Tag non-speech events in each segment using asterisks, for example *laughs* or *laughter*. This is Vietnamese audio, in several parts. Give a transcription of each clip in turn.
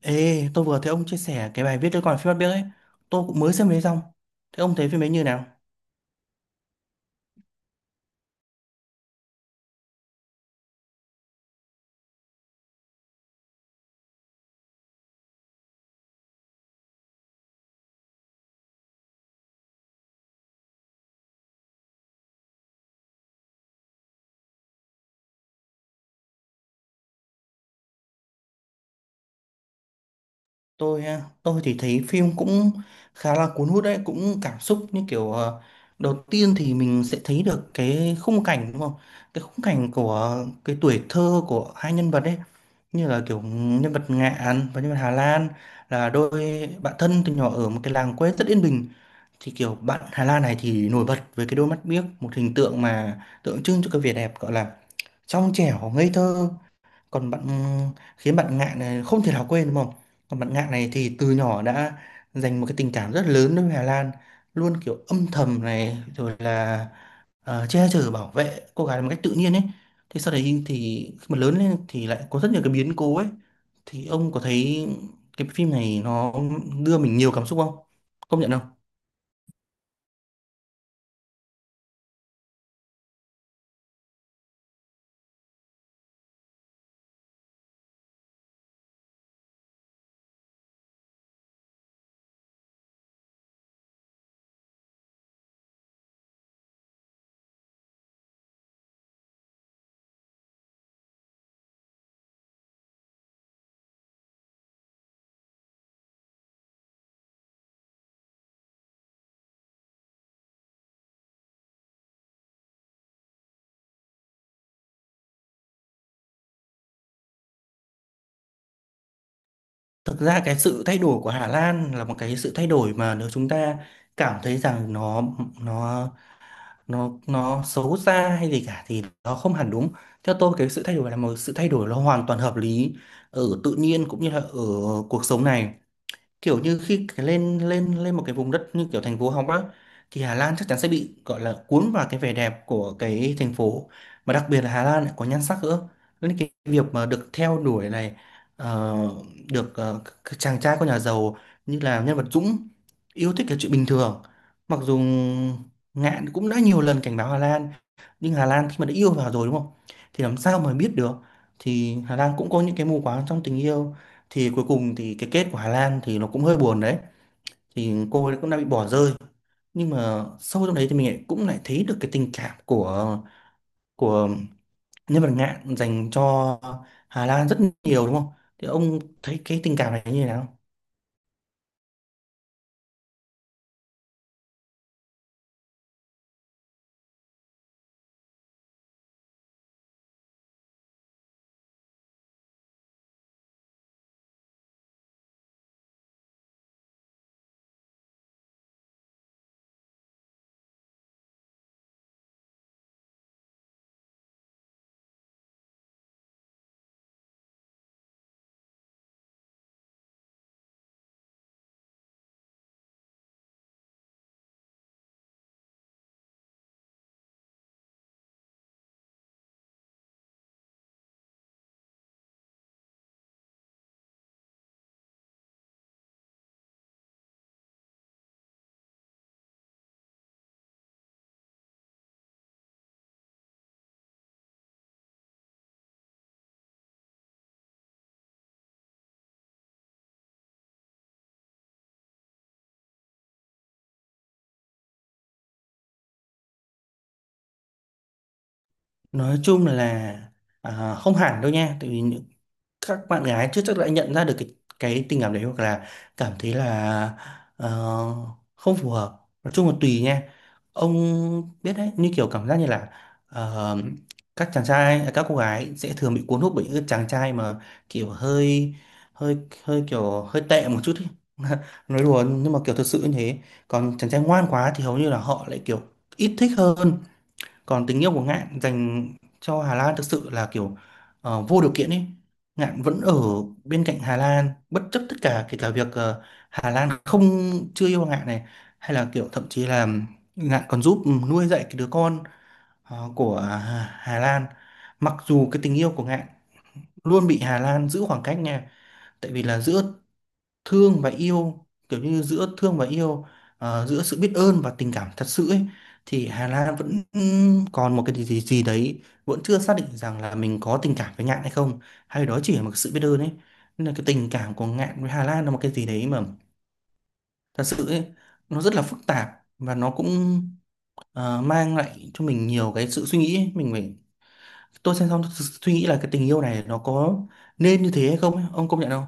Ê, tôi vừa thấy ông chia sẻ cái bài viết tôi còn phim Bắt Biếc ấy. Tôi cũng mới xem đấy xong. Thế ông thấy phim ấy như nào? Tôi à, tôi thì thấy phim cũng khá là cuốn hút đấy, cũng cảm xúc như kiểu đầu tiên thì mình sẽ thấy được cái khung cảnh đúng không? Cái khung cảnh của cái tuổi thơ của hai nhân vật ấy, như là kiểu nhân vật Ngạn và nhân vật Hà Lan là đôi bạn thân từ nhỏ ở một cái làng quê rất yên bình. Thì kiểu bạn Hà Lan này thì nổi bật với cái đôi mắt biếc, một hình tượng mà tượng trưng cho cái vẻ đẹp gọi là trong trẻo ngây thơ, còn bạn khiến bạn Ngạn này không thể nào quên đúng không? Còn bạn Ngạn này thì từ nhỏ đã dành một cái tình cảm rất lớn đối với Hà Lan, luôn kiểu âm thầm này rồi là che chở bảo vệ cô gái một cách tự nhiên ấy. Thế sau đấy thì khi mà lớn lên thì lại có rất nhiều cái biến cố ấy, thì ông có thấy cái phim này nó đưa mình nhiều cảm xúc không, công nhận không? Thực ra cái sự thay đổi của Hà Lan là một cái sự thay đổi mà nếu chúng ta cảm thấy rằng nó nó xấu xa hay gì cả thì nó không hẳn đúng. Theo tôi cái sự thay đổi là một sự thay đổi nó hoàn toàn hợp lý ở tự nhiên cũng như là ở cuộc sống này, kiểu như khi cái lên lên lên một cái vùng đất như kiểu thành phố Hồng á thì Hà Lan chắc chắn sẽ bị gọi là cuốn vào cái vẻ đẹp của cái thành phố, mà đặc biệt là Hà Lan lại có nhan sắc nữa, nên cái việc mà được theo đuổi này, ờ, được các chàng trai con nhà giàu như là nhân vật Dũng yêu thích là chuyện bình thường. Mặc dù Ngạn cũng đã nhiều lần cảnh báo Hà Lan, nhưng Hà Lan khi mà đã yêu vào rồi đúng không, thì làm sao mà biết được. Thì Hà Lan cũng có những cái mù quáng trong tình yêu, thì cuối cùng thì cái kết của Hà Lan thì nó cũng hơi buồn đấy, thì cô ấy cũng đã bị bỏ rơi. Nhưng mà sâu trong đấy thì mình lại cũng lại thấy được cái tình cảm của nhân vật Ngạn dành cho Hà Lan rất nhiều đúng không? Thì ông thấy cái tình cảm này như thế nào? Nói chung là à, không hẳn đâu nha, tại vì những các bạn gái chưa chắc đã nhận ra được cái tình cảm đấy, hoặc là cảm thấy là ờ, không phù hợp, nói chung là tùy nha. Ông biết đấy, như kiểu cảm giác như là ờ, các chàng trai à, các cô gái sẽ thường bị cuốn hút bởi những cái chàng trai mà kiểu hơi hơi hơi kiểu hơi tệ một chút ý. *laughs* Nói đùa nhưng mà kiểu thật sự như thế. Còn chàng trai ngoan quá thì hầu như là họ lại kiểu ít thích hơn. Còn tình yêu của Ngạn dành cho Hà Lan thực sự là kiểu vô điều kiện ấy. Ngạn vẫn ở bên cạnh Hà Lan bất chấp tất cả, kể cả việc Hà Lan không chưa yêu Ngạn này, hay là kiểu thậm chí là Ngạn còn giúp nuôi dạy cái đứa con của Hà Hà Lan. Mặc dù cái tình yêu của Ngạn luôn bị Hà Lan giữ khoảng cách nha, tại vì là giữa thương và yêu, kiểu như giữa thương và yêu, giữa sự biết ơn và tình cảm thật sự ấy. Thì Hà Lan vẫn còn một cái gì gì gì đấy, vẫn chưa xác định rằng là mình có tình cảm với Ngạn hay không, hay đó chỉ là một sự biết ơn ấy. Nên là cái tình cảm của Ngạn với Hà Lan là một cái gì đấy mà thật sự ấy, nó rất là phức tạp, và nó cũng ờ, mang lại cho mình nhiều cái sự suy nghĩ ấy. Mình phải, tôi xem xong tôi suy nghĩ là cái tình yêu này nó có nên như thế hay không ấy. Ông công nhận không?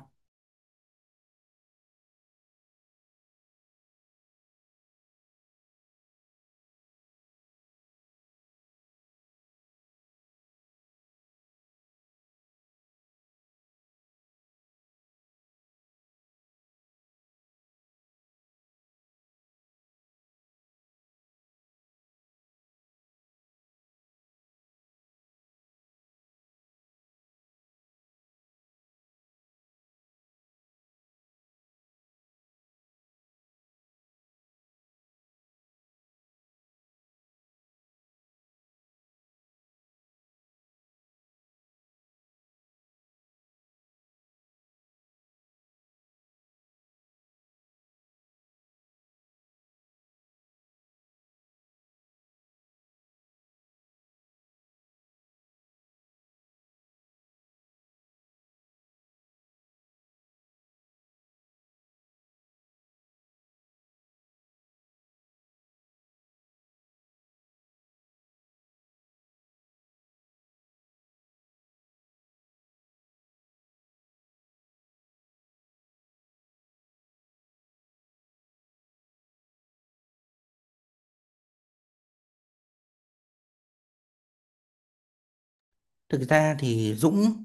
Thực ra thì Dũng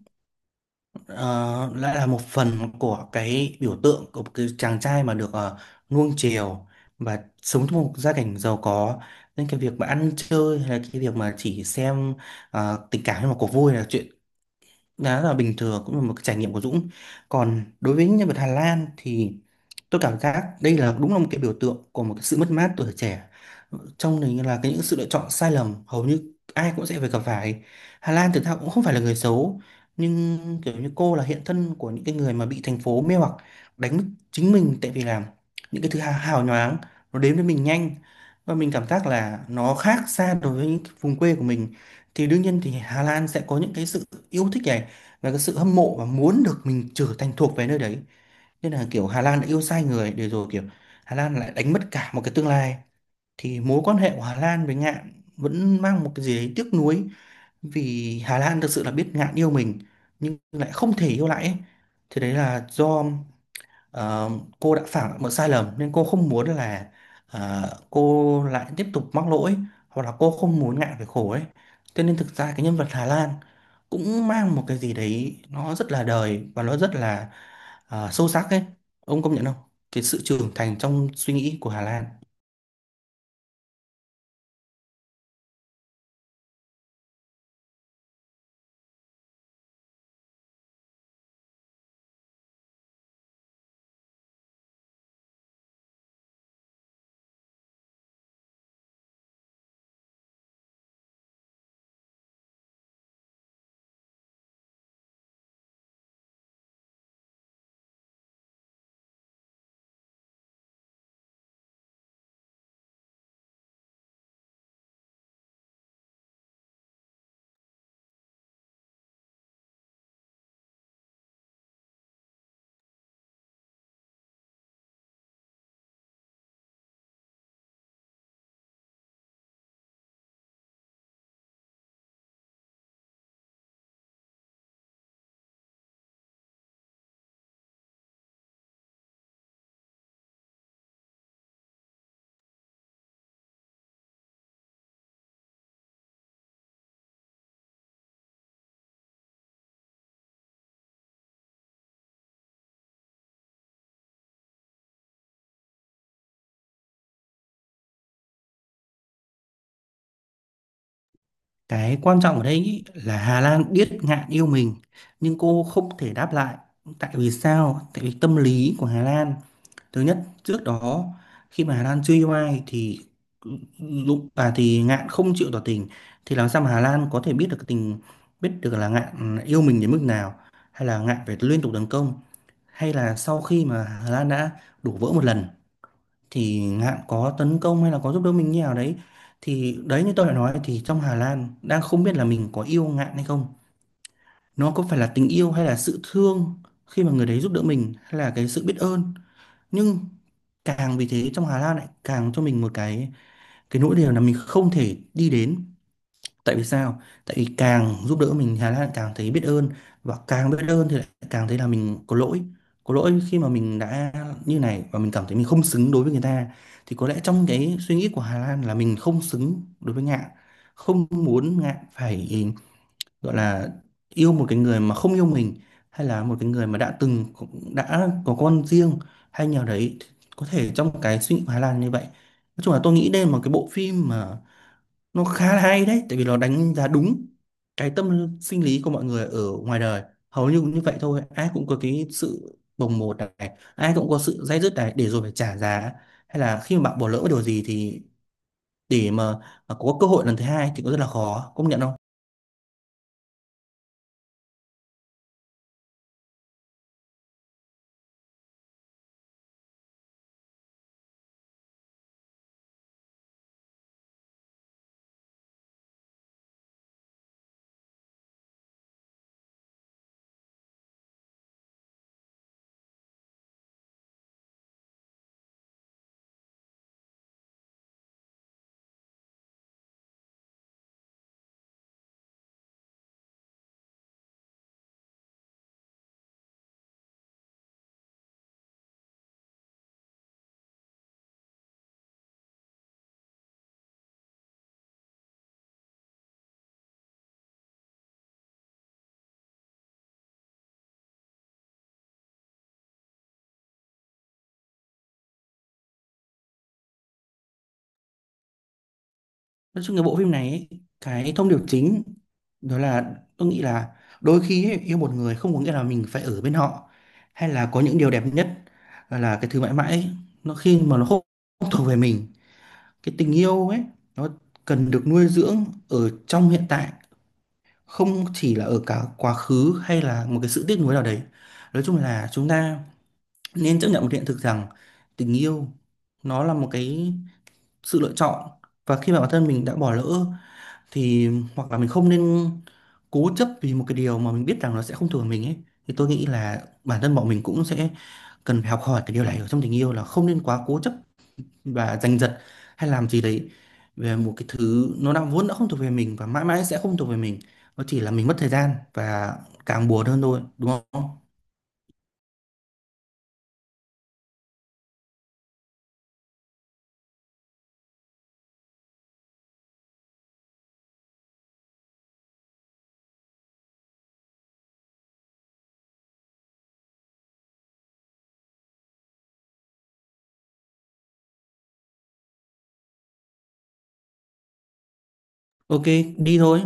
ờ, lại là một phần của cái biểu tượng của một cái chàng trai mà được nuông chiều và sống trong một gia cảnh giàu có, nên cái việc mà ăn chơi hay là cái việc mà chỉ xem tình cảm hay là cuộc vui là chuyện đó là bình thường, cũng là một cái trải nghiệm của Dũng. Còn đối với nhân vật Hà Lan thì tôi cảm giác đây là đúng là một cái biểu tượng của một cái sự mất mát tuổi trẻ, trong này là cái những sự lựa chọn sai lầm hầu như ai cũng sẽ phải gặp phải. Hà Lan thực ra cũng không phải là người xấu, nhưng kiểu như cô là hiện thân của những cái người mà bị thành phố mê hoặc, đánh mất chính mình, tại vì là những cái thứ hào hào nhoáng nó đến với mình nhanh, và mình cảm giác là nó khác xa đối với những cái vùng quê của mình, thì đương nhiên thì Hà Lan sẽ có những cái sự yêu thích này, và cái sự hâm mộ và muốn được mình trở thành thuộc về nơi đấy. Nên là kiểu Hà Lan đã yêu sai người để rồi kiểu Hà Lan lại đánh mất cả một cái tương lai. Thì mối quan hệ của Hà Lan với Ngạn vẫn mang một cái gì đấy tiếc nuối, vì Hà Lan thực sự là biết Ngạn yêu mình nhưng lại không thể yêu lại ấy. Thì đấy là do Ờ, cô đã phạm một sai lầm nên cô không muốn là cô lại tiếp tục mắc lỗi, hoặc là cô không muốn ngại về khổ ấy. Cho nên thực ra cái nhân vật Hà Lan cũng mang một cái gì đấy nó rất là đời và nó rất là sâu sắc ấy. Ông công nhận không? Cái sự trưởng thành trong suy nghĩ của Hà Lan, cái quan trọng ở đây ý là Hà Lan biết ngạn yêu mình nhưng cô không thể đáp lại. Tại vì sao? Tại vì tâm lý của Hà Lan. Thứ nhất, trước đó khi mà Hà Lan chưa yêu ai thì lúc à thì Ngạn không chịu tỏ tình, thì làm sao mà Hà Lan có thể biết được cái tình biết được là Ngạn yêu mình đến mức nào, hay là Ngạn phải liên tục tấn công, hay là sau khi mà Hà Lan đã đổ vỡ một lần thì Ngạn có tấn công hay là có giúp đỡ mình như nào đấy. Thì đấy như tôi đã nói thì trong Hà Lan đang không biết là mình có yêu Ngạn hay không, nó có phải là tình yêu hay là sự thương khi mà người đấy giúp đỡ mình, hay là cái sự biết ơn. Nhưng càng vì thế trong Hà Lan lại càng cho mình một cái nỗi điều là mình không thể đi đến. Tại vì sao? Tại vì càng giúp đỡ mình Hà Lan lại càng thấy biết ơn, và càng biết ơn thì lại càng thấy là mình có lỗi. Có lỗi khi mà mình đã như này, và mình cảm thấy mình không xứng đối với người ta. Thì có lẽ trong cái suy nghĩ của Hà Lan là mình không xứng đối với Ngạn, không muốn Ngạn phải gọi là yêu một cái người mà không yêu mình, hay là một cái người mà đã từng đã có con riêng hay nhờ đấy. Có thể trong cái suy nghĩ của Hà Lan như vậy. Nói chung là tôi nghĩ đây là một cái bộ phim mà nó khá là hay đấy, tại vì nó đánh giá đúng cái tâm sinh lý của mọi người ở ngoài đời, hầu như cũng như vậy thôi. Ai cũng có cái sự bồng bột này, ai cũng có sự day dứt này để rồi phải trả giá, hay là khi mà bạn bỏ lỡ điều gì thì để mà có cơ hội lần thứ hai thì cũng rất là khó, công nhận không? Nói chung cái bộ phim này ấy, cái thông điệp chính đó là tôi nghĩ là đôi khi ấy, yêu một người không có nghĩa là mình phải ở bên họ, hay là có những điều đẹp nhất là cái thứ mãi mãi ấy, nó khi mà nó không không thuộc về mình. Cái tình yêu ấy nó cần được nuôi dưỡng ở trong hiện tại, không chỉ là ở cả quá khứ hay là một cái sự tiếc nuối nào đấy. Nói chung là chúng ta nên chấp nhận một hiện thực rằng tình yêu nó là một cái sự lựa chọn, và khi mà bản thân mình đã bỏ lỡ thì hoặc là mình không nên cố chấp vì một cái điều mà mình biết rằng nó sẽ không thuộc về mình ấy. Thì tôi nghĩ là bản thân bọn mình cũng sẽ cần phải học hỏi cái điều này ở trong tình yêu, là không nên quá cố chấp và giành giật hay làm gì đấy về một cái thứ nó đã vốn đã không thuộc về mình và mãi mãi sẽ không thuộc về mình. Nó chỉ là mình mất thời gian và càng buồn hơn thôi đúng không? Ok, đi thôi.